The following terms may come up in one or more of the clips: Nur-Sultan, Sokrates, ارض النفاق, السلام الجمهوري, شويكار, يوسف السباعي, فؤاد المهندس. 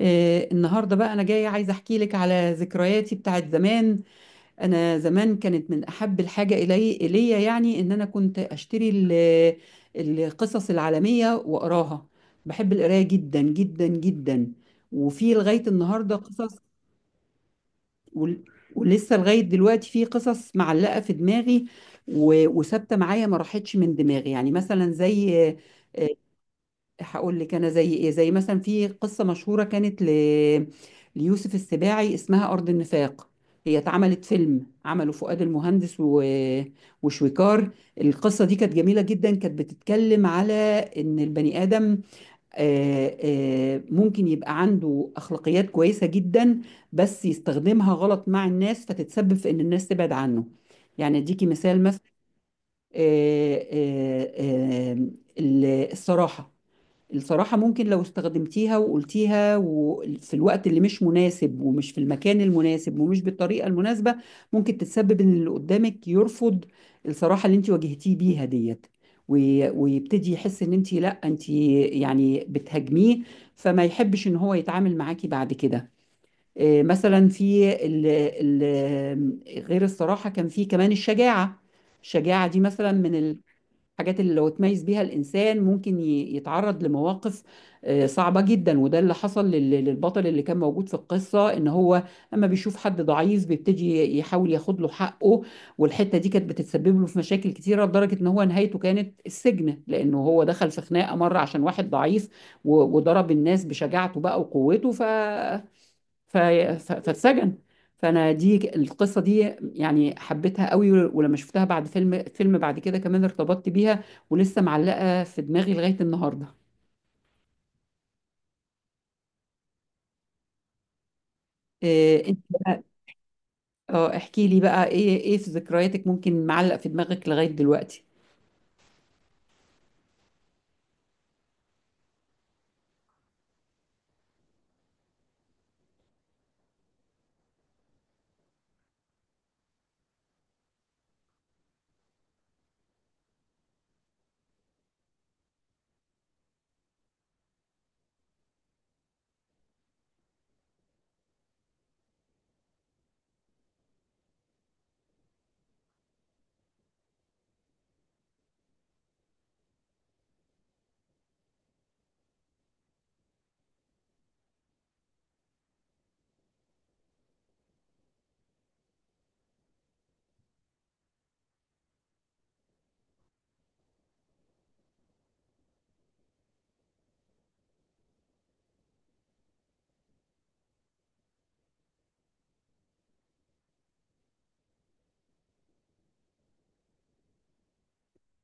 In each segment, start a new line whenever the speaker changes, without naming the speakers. النهارده بقى انا جايه عايزه احكي لك على ذكرياتي بتاعت زمان. انا زمان كانت من احب الحاجه الي اليا، يعني ان انا كنت اشتري القصص العالميه واقراها. بحب القرايه جدا جدا جدا. وفي لغايه النهارده قصص ول- ولسه لغايه دلوقتي في قصص معلقه في دماغي وثابته معايا، ما راحتش من دماغي، يعني مثلا زي هقول لك انا زي ايه. زي مثلا في قصه مشهوره كانت ليوسف السباعي اسمها ارض النفاق. هي اتعملت فيلم، عمله فؤاد المهندس وشويكار. القصه دي كانت جميله جدا، كانت بتتكلم على ان البني ادم، آه، ممكن يبقى عنده اخلاقيات كويسه جدا، بس يستخدمها غلط مع الناس فتتسبب في ان الناس تبعد عنه. يعني اديكي مثال. الصراحة، الصراحة ممكن لو استخدمتيها وقلتيها وفي الوقت اللي مش مناسب ومش في المكان المناسب ومش بالطريقة المناسبة، ممكن تتسبب ان اللي قدامك يرفض الصراحة اللي انت واجهتيه بيها ديت، ويبتدي يحس ان انت، لا انت يعني بتهاجميه، فما يحبش ان هو يتعامل معاكي بعد كده. مثلا في ال غير الصراحة كان في كمان الشجاعة. الشجاعة دي مثلا من الحاجات اللي لو تميز بيها الإنسان ممكن يتعرض لمواقف صعبة جدا. وده اللي حصل للبطل اللي كان موجود في القصة، إن هو أما بيشوف حد ضعيف بيبتدي يحاول ياخد له حقه، والحتة دي كانت بتتسبب له في مشاكل كتيرة، لدرجة إن هو نهايته كانت السجن، لأنه هو دخل في خناقة مرة عشان واحد ضعيف وضرب الناس بشجاعته بقى وقوته فاتسجن. فانا دي القصه دي يعني حبيتها قوي، ولما شفتها بعد فيلم بعد كده كمان ارتبطت بيها ولسه معلقه في دماغي لغايه النهارده. إيه انت بقى؟ اه، احكي لي بقى، ايه في ذكرياتك ممكن معلق في دماغك لغايه دلوقتي؟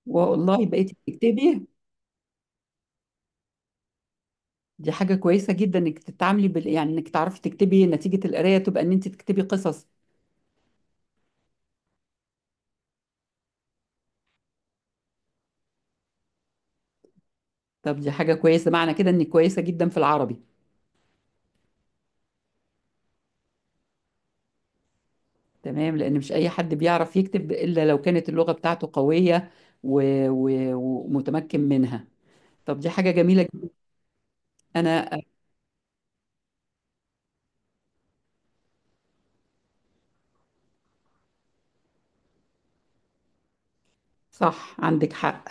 والله، بقيتي بتكتبي؟ دي حاجه كويسه جدا انك تتعاملي يعني انك تعرفي تكتبي نتيجه القرايه، تبقى ان انت تكتبي قصص. طب دي حاجه كويسه، معنى كده انك كويسه جدا في العربي. تمام، لأن مش أي حد بيعرف يكتب إلا لو كانت اللغة بتاعته قوية و... ومتمكن منها. طب دي حاجة جميلة جدا. أنا، صح، عندك حق.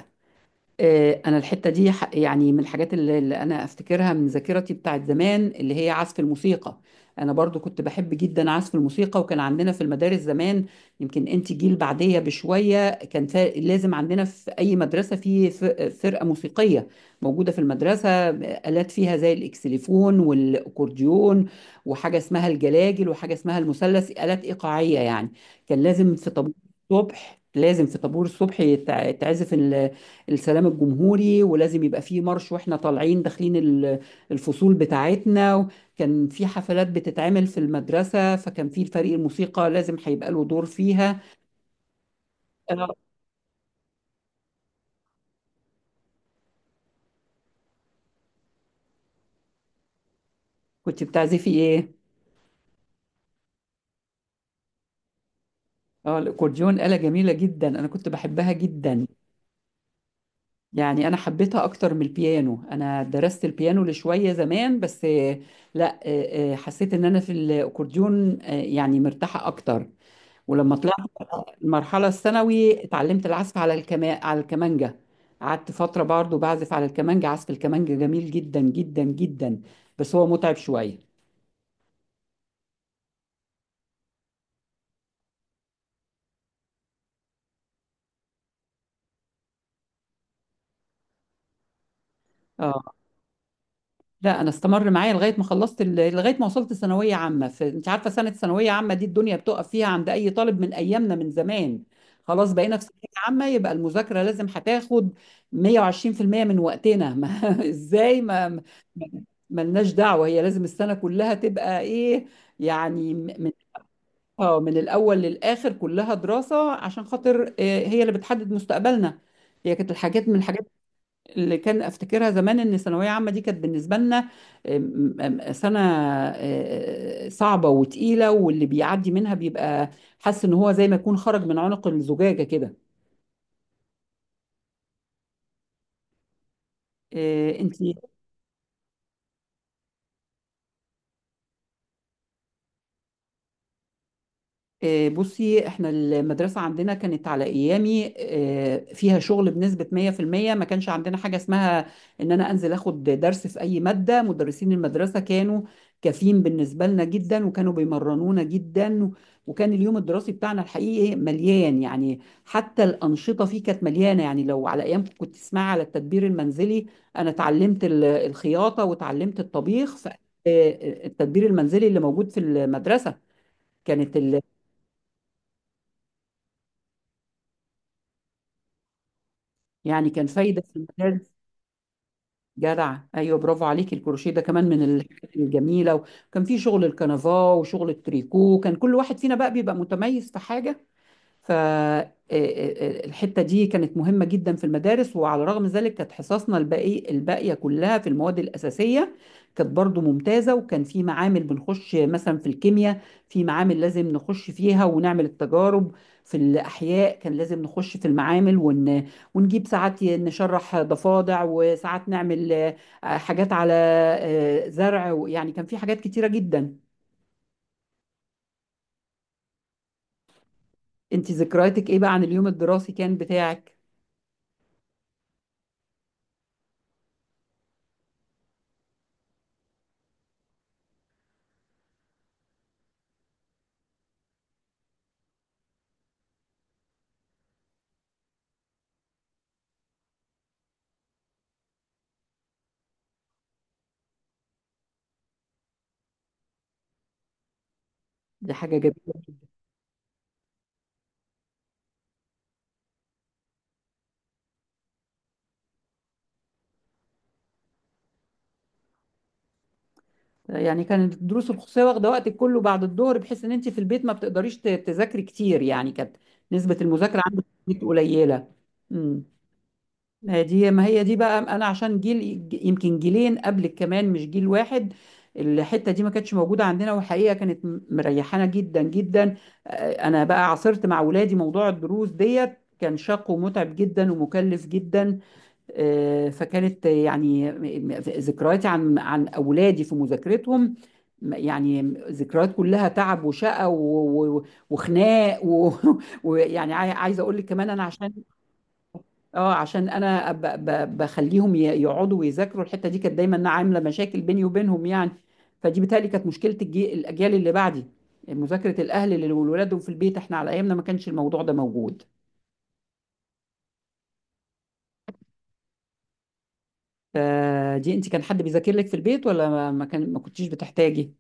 انا الحته دي يعني من الحاجات اللي انا افتكرها من ذاكرتي بتاعت زمان اللي هي عزف الموسيقى. انا برضو كنت بحب جدا عزف الموسيقى، وكان عندنا في المدارس زمان، يمكن انت جيل بعديه بشويه، كان لازم عندنا في اي مدرسه فرقه موسيقيه موجوده في المدرسه، آلات فيها زي الاكسليفون والاكورديون وحاجه اسمها الجلاجل وحاجه اسمها المثلث، آلات ايقاعيه يعني. كان لازم في طابور الصبح لازم في طابور الصبح تعزف السلام الجمهوري، ولازم يبقى فيه مارش واحنا طالعين داخلين الفصول بتاعتنا. كان في حفلات بتتعمل في المدرسة، فكان في الفريق الموسيقى لازم هيبقى له دور فيها. آه، كنت بتعزفي ايه؟ اه، الاكورديون آلة جميلة جدا، انا كنت بحبها جدا. يعني انا حبيتها اكتر من البيانو. انا درست البيانو لشوية زمان، بس لا، حسيت ان انا في الاكورديون، يعني مرتاحة اكتر. ولما طلعت المرحلة الثانوي اتعلمت العزف على على الكمانجة. قعدت فترة برضو بعزف على الكمانجة. عزف الكمانجة جميل جدا جدا جدا، بس هو متعب شوية. اه، لا انا استمر معايا لغاية ما خلصت لغاية ما وصلت ثانوية عامة. انت عارفة سنة ثانوية عامة دي الدنيا بتقف فيها عند اي طالب من ايامنا من زمان. خلاص، بقينا في ثانوية عامة، يبقى المذاكرة لازم هتاخد 120% من وقتنا. ما... ازاي؟ ما- ملناش دعوة، هي لازم السنة كلها تبقى ايه يعني؟ اه، من الاول للاخر كلها دراسه عشان خاطر، هي اللي بتحدد مستقبلنا. هي كانت الحاجات، من الحاجات اللي كان افتكرها زمان، ان الثانويه عامه دي كانت بالنسبه لنا آم، آم، سنه صعبه وتقيله، واللي بيعدي منها بيبقى حاسس ان هو زي ما يكون خرج من عنق الزجاجه كده. انت بصي، احنا المدرسة عندنا كانت على ايامي، فيها شغل بنسبة 100%. ما كانش عندنا حاجة اسمها ان انا انزل اخد درس في اي مادة. مدرسين المدرسة كانوا كافيين بالنسبة لنا جدا، وكانوا بيمرنونا جدا، وكان اليوم الدراسي بتاعنا الحقيقي مليان يعني. حتى الأنشطة فيه كانت مليانة يعني. لو على ايامكم، كنت تسمعي على التدبير المنزلي؟ انا اتعلمت الخياطة وتعلمت الطبيخ التدبير المنزلي اللي موجود في المدرسة. كانت ال، يعني كان فايدة في المجال. جدع، ايوه، برافو عليك، الكروشيه ده كمان من الحاجات الجميله. وكان في شغل الكنفاه وشغل التريكو، كان كل واحد فينا بقى بيبقى متميز في حاجه. فالحتة دي كانت مهمة جدا في المدارس. وعلى رغم ذلك كانت حصصنا الباقي الباقية كلها في المواد الأساسية كانت برضو ممتازة، وكان في معامل بنخش مثلا في الكيمياء، في معامل لازم نخش فيها ونعمل التجارب، في الأحياء كان لازم نخش في المعامل ونجيب ساعات نشرح ضفادع، وساعات نعمل حاجات على زرع. يعني كان في حاجات كتيرة جدا. انت ذكرياتك ايه بقى عن اليوم الدراسي كان بتاعك؟ دي حاجة جميلة. يعني كانت الدروس الخصوصيه واخده وقتك كله بعد الظهر بحيث ان انت في البيت ما بتقدريش تذاكري كتير، يعني كانت نسبه المذاكره عندك في البيت قليله. امم. ما هي دي، ما هي دي بقى، انا عشان جيل، يمكن جيلين قبلك كمان مش جيل واحد، الحته دي ما كانتش موجوده عندنا، وحقيقه كانت مريحانا جدا جدا. انا بقى عاصرت مع اولادي موضوع الدروس ديت، كان شاق ومتعب جدا ومكلف جدا. فكانت يعني ذكرياتي عن اولادي في مذاكرتهم، يعني ذكريات كلها تعب وشقى وخناق ويعني عايزه اقول لك كمان انا عشان، اه عشان انا بخليهم يقعدوا ويذاكروا، الحته دي كانت دايما عامله مشاكل بيني وبينهم يعني. فدي بتهيألي كانت مشكله الاجيال اللي بعدي، مذاكره الاهل لولادهم في البيت. احنا على ايامنا ما كانش الموضوع ده موجود. فدي، انت كان حد بيذاكر لك في البيت ولا ما كنتيش بتحتاجي؟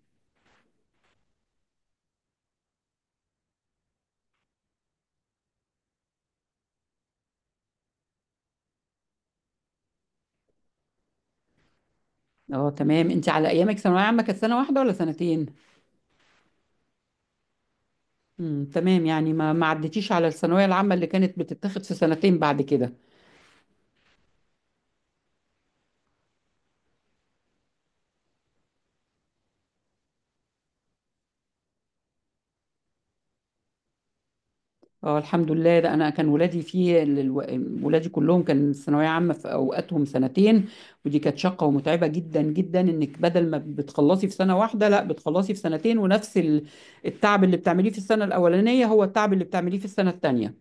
اه تمام. انت على ايامك ثانويه عامه كانت سنه واحده ولا سنتين؟ تمام. يعني ما عدتيش على الثانويه العامه اللي كانت بتتاخد في سنتين بعد كده. اه الحمد لله. ده انا كان ولادي فيه ولادي كلهم كان الثانويه عامه في اوقاتهم سنتين، ودي كانت شاقه ومتعبه جدا جدا، انك بدل ما بتخلصي في سنه واحده لا بتخلصي في سنتين، ونفس التعب اللي بتعمليه في السنه الاولانيه هو التعب اللي بتعمليه في السنه الثانيه.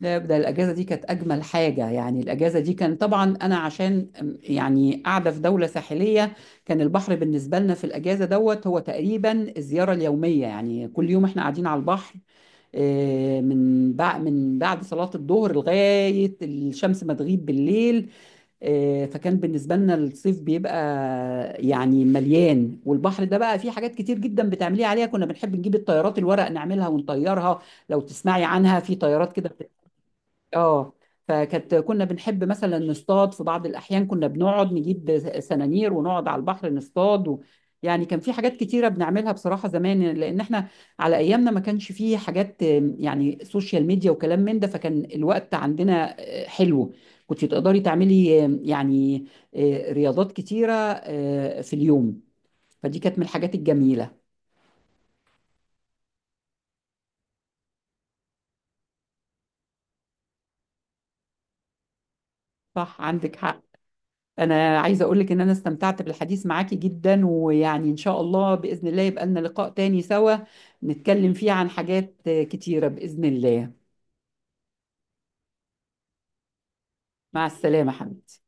لا، ده الأجازة دي كانت أجمل حاجة يعني. الأجازة دي كان طبعا أنا عشان يعني قاعدة في دولة ساحلية، كان البحر بالنسبة لنا في الأجازة دوت هو تقريبا الزيارة اليومية، يعني كل يوم إحنا قاعدين على البحر من بعد صلاة الظهر لغاية الشمس ما تغيب بالليل. فكان بالنسبة لنا الصيف بيبقى يعني مليان، والبحر ده بقى فيه حاجات كتير جدا بتعمليها عليها. كنا بنحب نجيب الطيارات الورق نعملها ونطيرها، لو تسمعي عنها، في طيارات كده. اه، فكانت، كنا بنحب مثلا نصطاد، في بعض الأحيان كنا بنقعد نجيب سنانير ونقعد على البحر نصطاد يعني كان في حاجات كتيرة بنعملها بصراحة زمان، لأن احنا على أيامنا ما كانش فيه حاجات يعني سوشيال ميديا وكلام من ده، فكان الوقت عندنا حلو، كنت تقدري تعملي آم، يعني آه، رياضات كتيرة في اليوم. فدي كانت من الحاجات الجميلة. صح عندك حق. انا عايزه اقول لك ان انا استمتعت بالحديث معاكي جدا، ويعني ان شاء الله باذن الله يبقى لنا لقاء تاني سوا، نتكلم فيه عن حاجات كتيره باذن الله. مع السلامه حبيبي.